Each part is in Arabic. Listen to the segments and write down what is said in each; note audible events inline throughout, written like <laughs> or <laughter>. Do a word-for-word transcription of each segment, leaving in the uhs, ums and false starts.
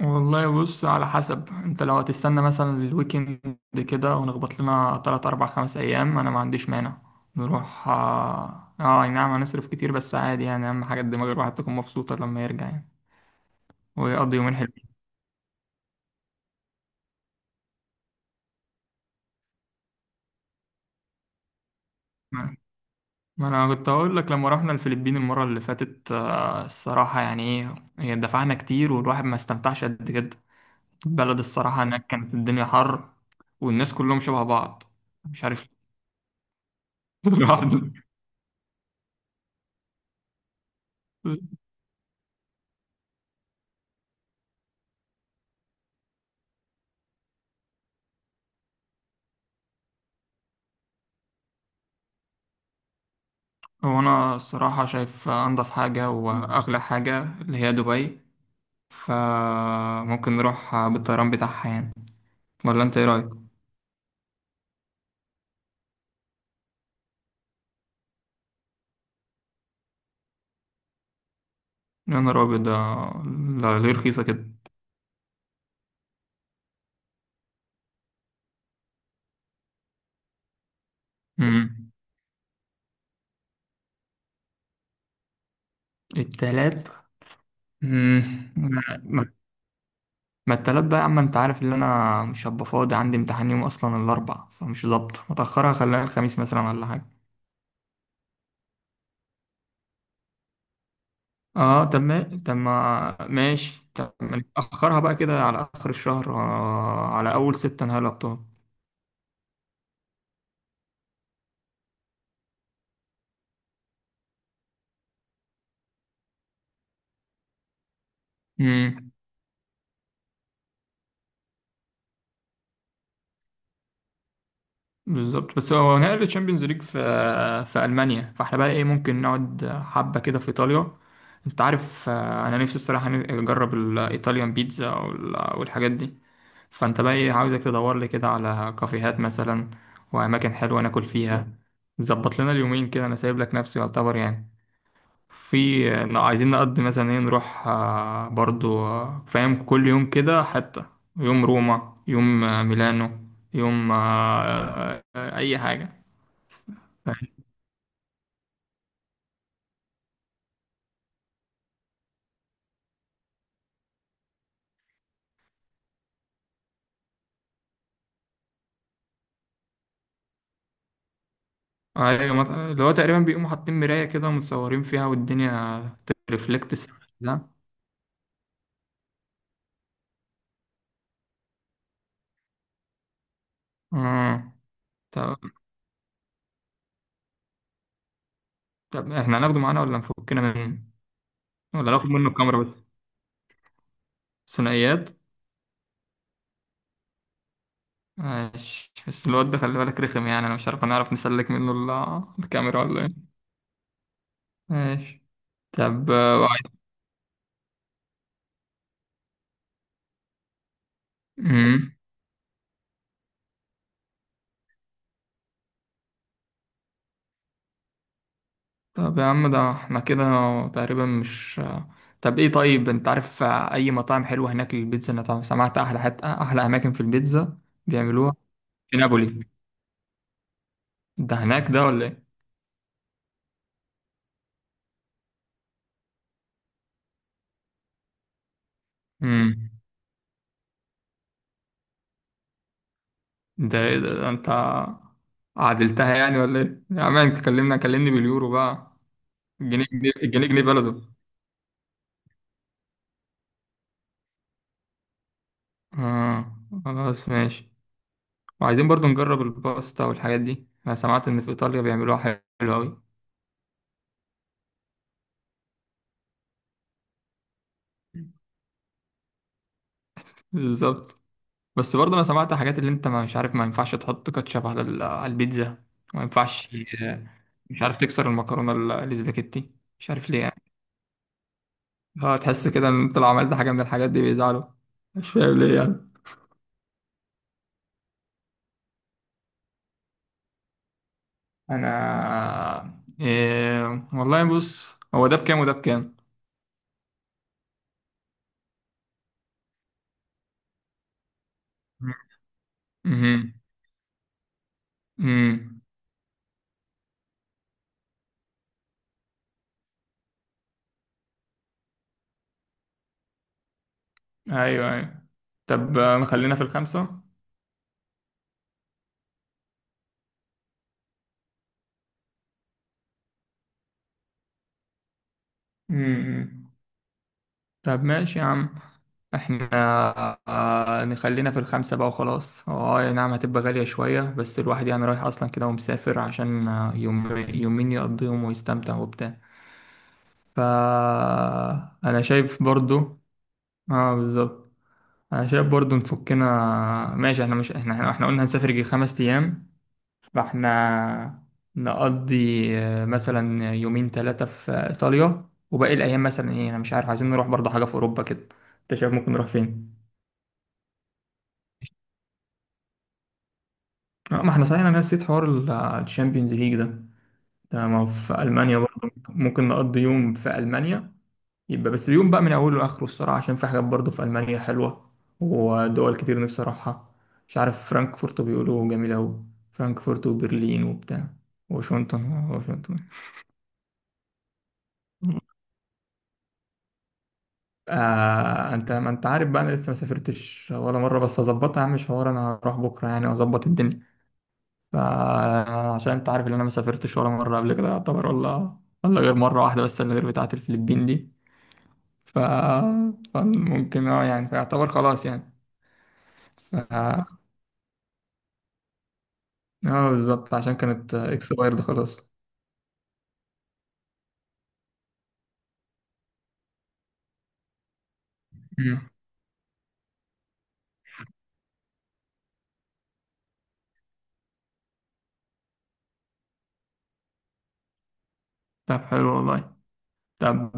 والله بص، على حسب. انت لو هتستنى مثلا الويكند كده ونخبط لنا تلات أربع خمس أيام، أنا ما عنديش مانع نروح. اه آه، أي نعم، هنصرف كتير بس عادي يعني. أهم حاجة دماغ الواحد تكون مبسوطة لما يرجع يعني، ويقضي يومين حلوين. ما ما أنا كنت هقول لك لما رحنا الفلبين المرة اللي فاتت، آه، الصراحة يعني إيه، هي دفعنا كتير والواحد ما استمتعش قد كده. البلد الصراحة هناك كانت الدنيا حر، والناس كلهم شبه بعض، مش عارف. <laughs> ليه. هو أنا الصراحة شايف أنظف حاجة وأغلى حاجة اللي هي دبي، فممكن نروح بالطيران بتاعها يعني. ولا أنت إيه رأيك؟ يا نهار أبيض ده. لا- ليه رخيصة كده؟ مم. التلات. مم. ما ما التلات بقى يا عم، أنت عارف إن أنا مش هبقى فاضي. عندي امتحان يوم أصلا الأربع، فمش ظابط. متأخرها خليها الخميس مثلا ولا حاجة. اه، طب ما طب ما ماشي. طب ما نأخرها بقى كده على آخر الشهر، آه، على أول ستة، نهاية الأبطال. بالظبط. بس هو نهائي الشامبيونز ليج في في المانيا، فاحنا بقى ايه، ممكن نقعد حبه كده في ايطاليا. انت عارف، آه، انا نفسي الصراحه ن- اجرب الايطاليان بيتزا وال- والحاجات دي. فانت بقى ايه، عاوزك تدور لي كده على كافيهات مثلا، واماكن حلوه ناكل فيها. ظبط لنا اليومين كده، انا سايب لك نفسي يعتبر يعني. في إن عايزين نقضي مثلا ايه، نروح آه، برضو، آه، فاهم، كل يوم كده حتى. يوم روما، يوم آه، ميلانو، يوم آه، آه، اي حاجة. فاهم؟ ايوه، مط- اللي هو تقريبا بيقوموا حاطين مراية كده، متصورين فيها، والدنيا ترفلكت السما ده. مم. طب طب احنا هناخده معانا ولا نفكنا منه؟ ولا ناخد منه الكاميرا بس؟ ثنائيات. ماشي، بس الواد ده خلي بالك رخم يعني، انا مش عارف هنعرف نسلك منه ال- الكاميرا ولا ايه. ماشي. طب آه، امم طب يا عم، ده احنا كده تقريبا مش. طب ايه، طيب انت عارف اي مطاعم حلوه هناك للبيتزا؟ انا طبعا سمعت احلى حتى احلى اماكن في البيتزا بيعملوها في نابولي. ده هناك ده ولا ايه؟ امم. ده, إيه ده, ده انت عدلتها يعني ولا ايه يا عم؟ انت كلمنا، كلمني باليورو بقى. الجنيه جنيه، الجنيه جنيه بلده. اه، خلاص ماشي. وعايزين برضو نجرب الباستا والحاجات دي. انا سمعت ان في ايطاليا بيعملوها حلو قوي. بالظبط. بس برضه انا سمعت حاجات، اللي انت ما- مش عارف ما ينفعش تحط كاتشب على ال- على البيتزا. ما ينفعش، مش عارف، تكسر المكرونه ال- الاسباجيتي، مش عارف ليه يعني. اه، تحس كده ان انت لو عملت حاجه من الحاجات دي بيزعلوا، مش فاهم ليه يعني. انا إيه. والله بص، هو ده بكام وده بكام؟ امم. امم. ايوه ايوه. طب آه، خلينا في الخمسه. امم. طب ماشي يا عم، احنا آه، نخلينا في الخمسة بقى وخلاص. اه، أي نعم، هتبقى غالية شوية، بس الواحد يعني رايح اصلا كده ومسافر عشان آه، يوم يومين يقضيهم ويستمتع وبتاع. فا انا شايف برضو. اه، بالظبط. انا شايف برضو نفكنا. ماشي، احنا مش، احنا احنا إحنا قلنا هنسافر يجي خمس ايام، فاحنا نقضي آه، مثلا يومين ثلاثة في إيطاليا، وباقي الأيام مثلا إيه، أنا مش عارف، عايزين نروح برضه حاجة في أوروبا كده. أنت شايف ممكن نروح فين؟ آه، ما احنا صحيح، أنا نسيت حوار الشامبيونز ليج ده. ده ما هو في ألمانيا برضه، ممكن نقضي يوم في ألمانيا. يبقى بس اليوم بقى من أوله لآخره الصراحة، عشان في حاجات برضه في ألمانيا حلوة، ودول كتير نفسي أروحها. مش عارف، فرانكفورت بيقولوا جميلة أوي. فرانكفورت وبرلين وبتاع. واشنطن واشنطن آه، انت، ما انت عارف بقى، انا لسه ما سافرتش ولا مره، بس اظبطها يا عم مش حوار. انا هروح بكره يعني واظبط الدنيا. فعشان انت عارف ان انا ما سافرتش ولا مره قبل كده يعتبر، ولا ولا غير مره واحده بس، اللي غير بتاعه الفلبين دي. ف فممكن، اه يعني، فيعتبر خلاص يعني. ف اه، بالظبط، عشان كانت اكسبايرد خلاص. مم. طب حلو والله. طب.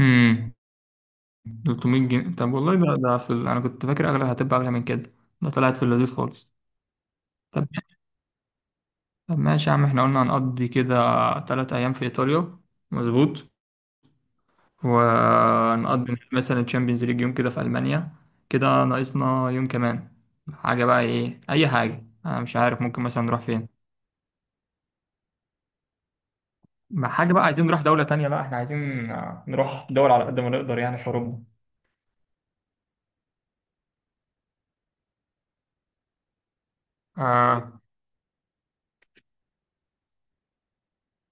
امم. ثلاث مية جنيه؟ طب والله ده ده في ال... انا كنت فاكر اغلى، هتبقى اغلى من كده. ده طلعت في اللذيذ خالص. طب ماشي يا عم، احنا قلنا هنقضي كده تلات أيام في إيطاليا، مظبوط. ونقضي مثلا تشامبيونز ليج يوم كده في ألمانيا. كده ناقصنا يوم كمان، حاجة بقى إيه، أي حاجة، أنا مش عارف ممكن مثلا نروح فين. ما حاجة بقى، عايزين نروح دولة تانية بقى، احنا عايزين آه، نروح دول على قد ما نقدر يعني في أوروبا. آه،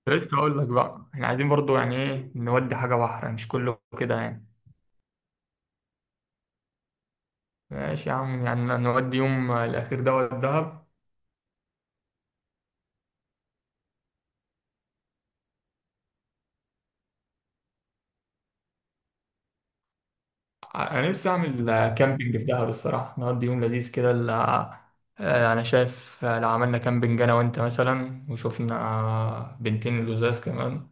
لسه أقول لك بقى، احنا عايزين برضو يعني إيه، نودي حاجة بحر، مش كله كده يعني. ماشي يا عم، يعني نودي يوم الأخير دوت دهب. انا نفسي اعمل كامبينج في دهب الصراحه، نقضي يوم لذيذ كده ال- آه، انا شايف، آه، لو عملنا كامبينج انا وانت مثلا، وشوفنا بنتين لزاز كمان،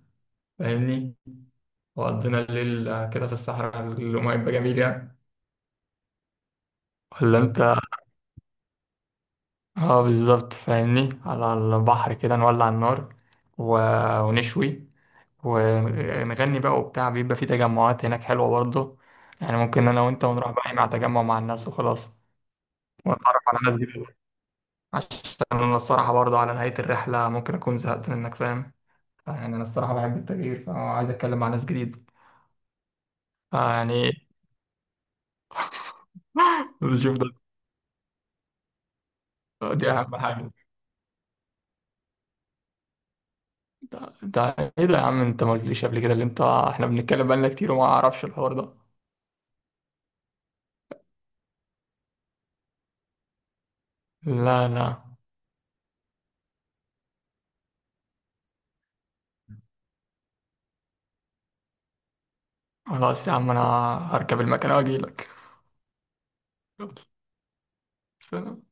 فاهمني، وقضينا الليل آه، كده في الصحراء، اليوم هيبقى جميل يعني. ولا انت؟ اه، بالظبط، فاهمني، على البحر كده نولع النار، و... ونشوي ونغني بقى وبتاع. بيبقى في تجمعات هناك حلوه برضه، يعني ممكن انا وانت ونروح بقى مع تجمع مع الناس وخلاص. ونتعرف على ناس جديدة، عشان انا الصراحه برضه على نهايه الرحله ممكن اكون زهقت منك، فاهم يعني. انا الصراحه بحب التغيير، فعايز اتكلم مع ناس جديد يعني. شوف ده، دي اهم حاجه. ده, ده ايه ده يا عم، انت ما قلتليش قبل كده؟ اللي انت احنا بنتكلم بقالنا كتير وما اعرفش الحوار ده. لا لا. خلاص يا عم، انا هركب المكنه واجي لك. يلا، سلام.